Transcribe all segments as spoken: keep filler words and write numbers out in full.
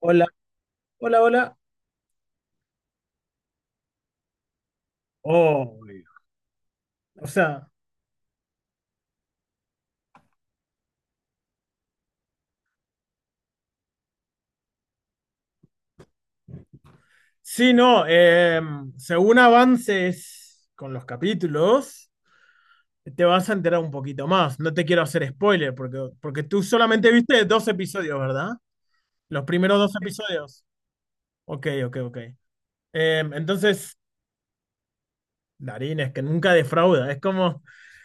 Hola, hola, hola. Oh, o sea, sí, no, eh, según avances con los capítulos, te vas a enterar un poquito más. No te quiero hacer spoiler, porque, porque tú solamente viste dos episodios, ¿verdad? Los primeros dos episodios. Ok, ok, ok. Eh, entonces, Darín es que nunca defrauda. Es como,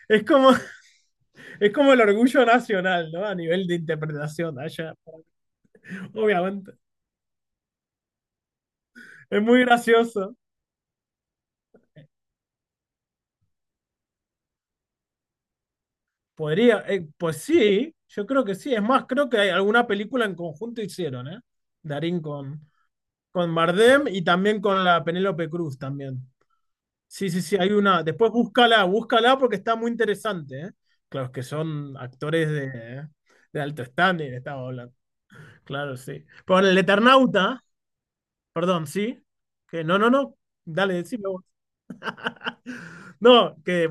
es como, es como el orgullo nacional, ¿no? A nivel de interpretación allá, obviamente. Es muy gracioso. Podría, eh, pues sí, yo creo que sí. Es más, creo que hay alguna película en conjunto hicieron, ¿eh? Darín con, con Bardem y también con la Penélope Cruz también. Sí, sí, sí, hay una. Después búscala, búscala porque está muy interesante, ¿eh? Claro, es que son actores de, de alto standing, estaba hablando. Claro, sí, por el Eternauta, perdón, sí. Que no, no, no. Dale, decime vos. No, que.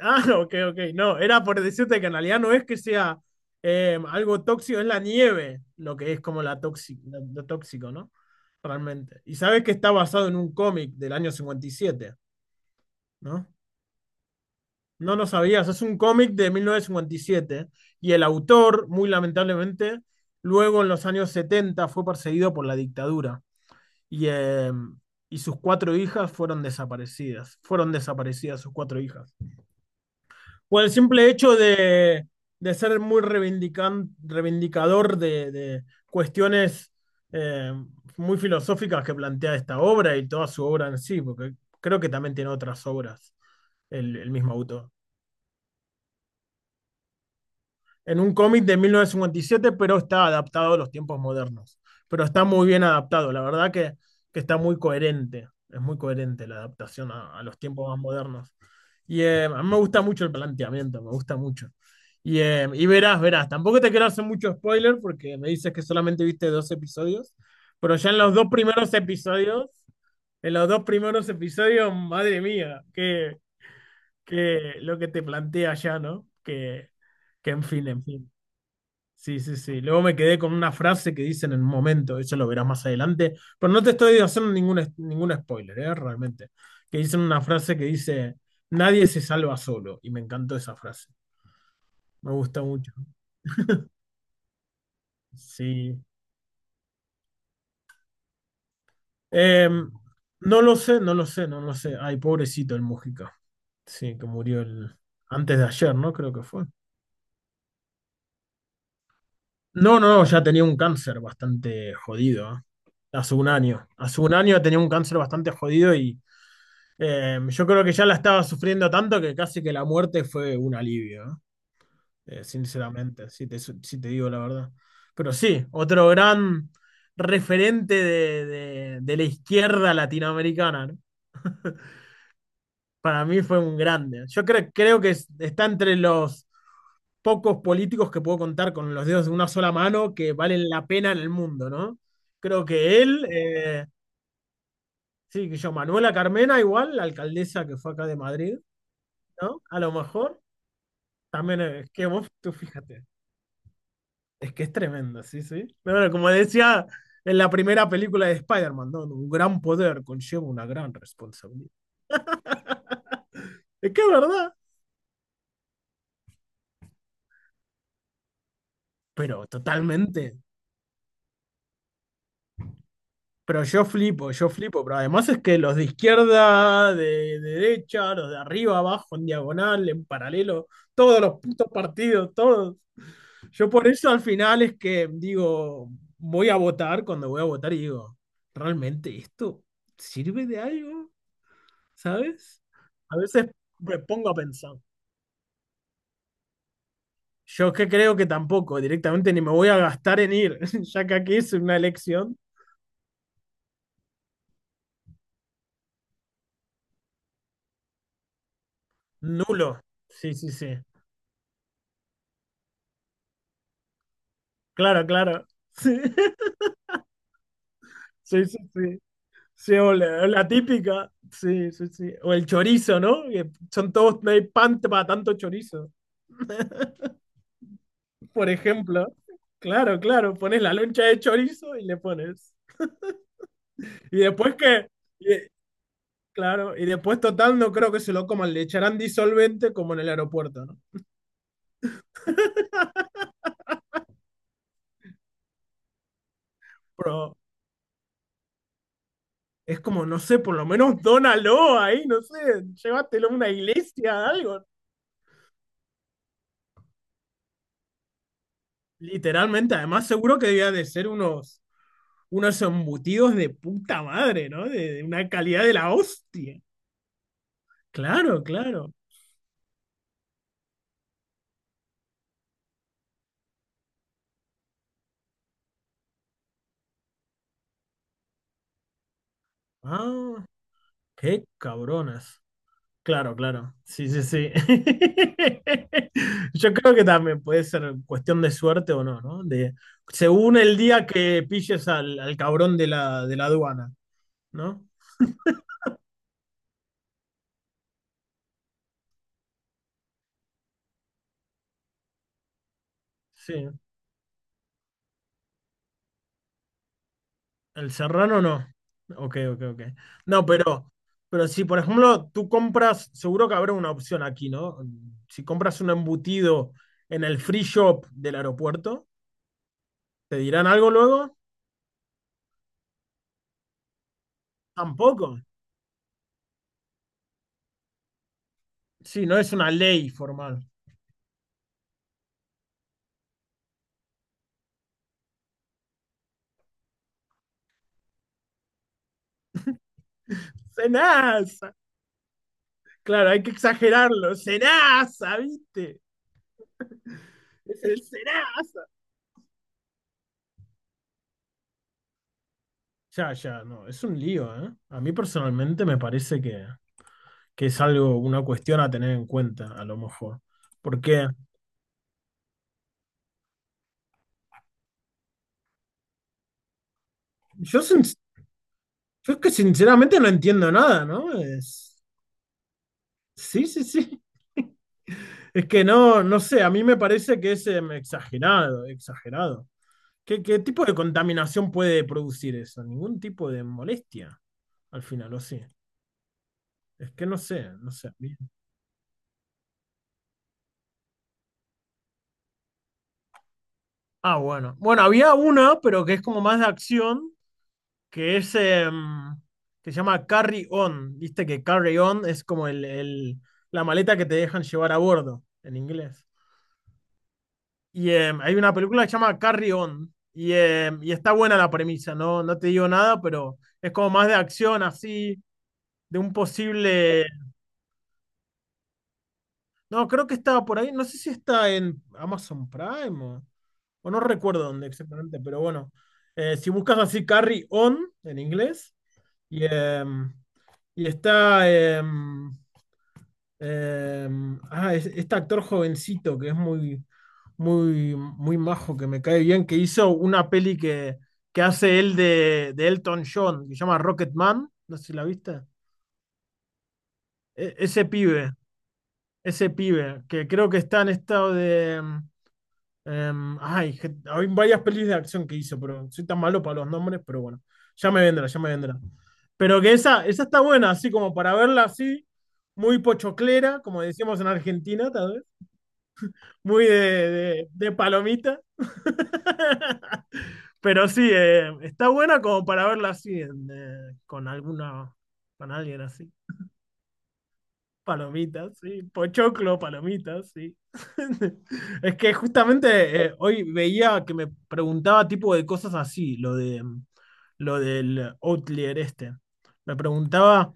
Ah, ok, ok. No, era por decirte que en realidad no es que sea eh, algo tóxico, es la nieve lo que es como la tóxico, lo tóxico, ¿no? Realmente. Y sabes que está basado en un cómic del año cincuenta y siete, ¿no? No lo sabías, es un cómic de mil novecientos cincuenta y siete y el autor, muy lamentablemente, luego en los años setenta fue perseguido por la dictadura y, eh, y sus cuatro hijas fueron desaparecidas, fueron desaparecidas sus cuatro hijas. O el simple hecho de, de ser muy reivindican- reivindicador de, de cuestiones eh, muy filosóficas que plantea esta obra y toda su obra en sí, porque creo que también tiene otras obras el, el mismo autor. En un cómic de mil novecientos cincuenta y siete, pero está adaptado a los tiempos modernos. Pero está muy bien adaptado, la verdad que, que está muy coherente, es muy coherente la adaptación a, a los tiempos más modernos. Y eh, a mí me gusta mucho el planteamiento, me gusta mucho. Y, eh, y verás, verás, tampoco te quiero hacer mucho spoiler porque me dices que solamente viste dos episodios, pero ya en los dos primeros episodios, en los dos primeros episodios, madre mía, que, que lo que te plantea ya, ¿no? Que, que en fin, en fin. Sí, sí, sí. Luego me quedé con una frase que dicen en un momento, eso lo verás más adelante, pero no te estoy haciendo ningún, es- ningún spoiler, ¿eh? Realmente. Que dicen una frase que dice, nadie se salva solo, y me encantó esa frase. Me gusta mucho. Sí. Em, no lo sé, no lo sé, no lo sé. Ay, pobrecito el Mujica. Sí, que murió el... antes de ayer, ¿no? Creo que fue. No, no, no, ya tenía un cáncer bastante jodido, ¿eh? Hace un año. Hace un año tenía un cáncer bastante jodido y Eh, yo creo que ya la estaba sufriendo tanto que casi que la muerte fue un alivio, ¿no? Eh, sinceramente, si te, su- si te digo la verdad. Pero sí, otro gran referente de, de- de la izquierda latinoamericana, ¿no? Para mí fue un grande. Yo creo, creo que es- está entre los pocos políticos que puedo contar con los dedos de una sola mano que valen la pena en el mundo, ¿no? Creo que él, eh, sí, que yo, Manuela Carmena igual, la alcaldesa que fue acá de Madrid, ¿no? A lo mejor. También eh, es que vos, tú fíjate, es que es tremendo, sí, sí. Pero bueno, como decía en la primera película de Spider-Man, ¿no? Un gran poder conlleva una gran responsabilidad. Es que es verdad, pero totalmente. Pero yo flipo, yo flipo, pero además es que los de izquierda, de, derecha, los de arriba, abajo, en diagonal, en paralelo, todos los putos partidos, todos. Yo por eso al final es que digo, voy a votar cuando voy a votar y digo, ¿realmente esto sirve de algo? ¿Sabes? A veces me pongo a pensar. Yo que creo que tampoco, directamente ni me voy a gastar en ir, ya que aquí es una elección, nulo. Sí, sí, sí. Claro, claro. Sí, sí, sí. Sí, sí, o la, o la típica. Sí, sí, sí. O el chorizo, ¿no? Que son todos, no hay pan para tanto chorizo, por ejemplo. Claro, claro. Pones la loncha de chorizo y le pones. Y después que. Claro, y después total no creo que se lo coman, le echarán disolvente como en el aeropuerto, ¿no? Pero es como, no sé, por lo menos dónalo ahí, no sé, llévatelo a una iglesia, algo. Literalmente, además seguro que debía de ser unos, unos embutidos de puta madre, ¿no? De, de una calidad de la hostia. Claro, claro. Ah, qué cabronas. Claro, claro. Sí, sí, sí. Yo creo que también puede ser cuestión de suerte o no, ¿no? De, según el día que pilles al, al cabrón de la, de la aduana, ¿no? Sí. El serrano no. Ok, ok, ok. No, pero, pero si, por ejemplo, tú compras, seguro que habrá una opción aquí, ¿no? Si compras un embutido en el free shop del aeropuerto, ¿te dirán algo luego? Tampoco. Sí, no es una ley formal. Cenas. Claro, hay que exagerarlo. Serasa, ¿viste? Es el Serasa. Ya, ya, no, es un lío, ¿eh? A mí personalmente me parece que, que es algo, una cuestión a tener en cuenta, a lo mejor. Porque yo, sin- yo es que sinceramente no entiendo nada, ¿no? Es, sí, sí, sí. Es que no, no sé, a mí me parece que es em, exagerado, exagerado. ¿Qué, qué tipo de contaminación puede producir eso? Ningún tipo de molestia, al final, o sí. Es que no sé, no sé. A Ah, bueno. Bueno, había una, pero que es como más de acción, que es em, que se llama Carry On. Viste que Carry On es como el, el- la maleta que te dejan llevar a bordo en inglés. Y em, hay una película que se llama Carry On. Y, em, y está buena la premisa, ¿no? No te digo nada, pero es como más de acción, así, de un posible. No, creo que estaba por ahí. No sé si está en Amazon Prime o, o no recuerdo dónde exactamente, pero bueno. Eh, si buscas así Carry On en inglés, y, em, y está em, em, ah, es- este actor jovencito que es muy, muy, muy majo, que me cae bien, que hizo una peli que, que hace él de, de Elton John, que se llama Rocketman. No sé si la viste. E- ese pibe, ese pibe, que creo que está en estado de. Em, Em, ay, je- hay varias pelis de acción que hizo, pero soy tan malo para los nombres, pero bueno, ya me vendrá, ya me vendrá. Pero que esa, esa está buena, así como para verla así, muy pochoclera, como decíamos en Argentina, tal vez, muy de, de- de palomita. Pero sí, eh, está buena como para verla así, en, eh, con alguna, con alguien así. Palomitas, sí. Pochoclo, palomitas, sí. Es que justamente eh, hoy veía que me preguntaba tipo de cosas así, lo de lo del Outlier este. Me preguntaba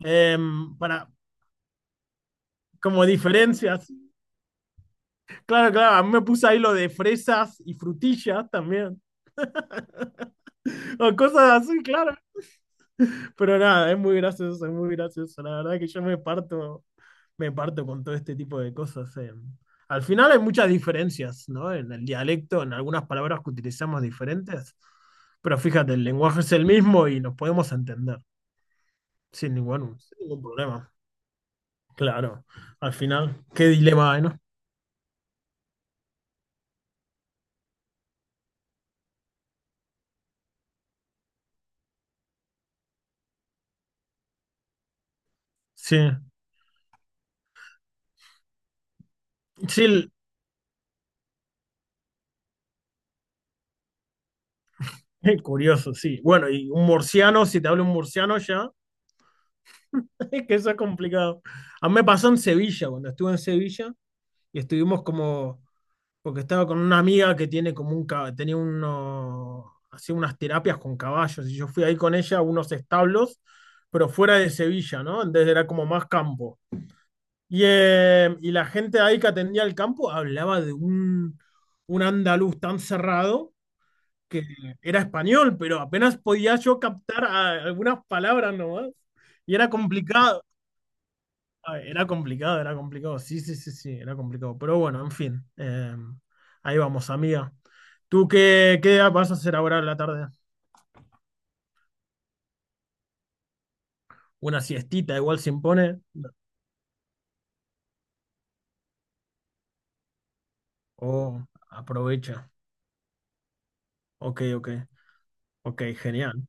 em, para como diferencias. Claro, claro, a mí me puse ahí lo de fresas y frutillas también. O cosas así, claro. Pero nada, es muy gracioso, es muy gracioso. La verdad que yo me parto, me parto con todo este tipo de cosas. eh. Al final hay muchas diferencias, ¿no? En el dialecto, en algunas palabras que utilizamos diferentes, pero fíjate, el lenguaje es el mismo y nos podemos entender sin ningún, sin ningún problema. Claro, al final, qué dilema hay, ¿no? Sí, sí, el- curioso, sí. Bueno, y un murciano, si te hablo un murciano ya, es que eso es complicado. A mí me pasó en Sevilla, cuando estuve en Sevilla. Y estuvimos como, porque estaba con una amiga que tiene como un, ca- tenía uno, hacía unas terapias con caballos, y yo fui ahí con ella a unos establos, pero fuera de Sevilla, ¿no? Entonces era como más campo. Y, eh, y la gente ahí que atendía el campo hablaba de un, un andaluz tan cerrado que era español, pero apenas podía yo captar a- algunas palabras nomás, y era complicado. Ay, era complicado, era complicado. Sí, sí, sí, sí, era complicado. Pero bueno, en fin. eh, Ahí vamos, amiga. ¿Tú qué, qué vas a hacer ahora en la tarde? ¿Una siestita igual se impone? O aprovecha. Ok, ok. Ok, genial.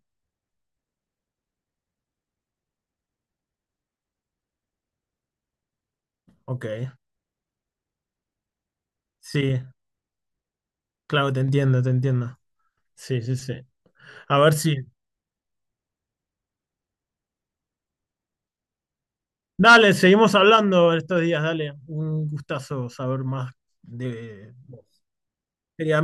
Ok. Sí, claro, te entiendo, te entiendo. Sí, sí, sí. A ver si. Dale, seguimos hablando estos días, dale. Un gustazo saber más de... Quería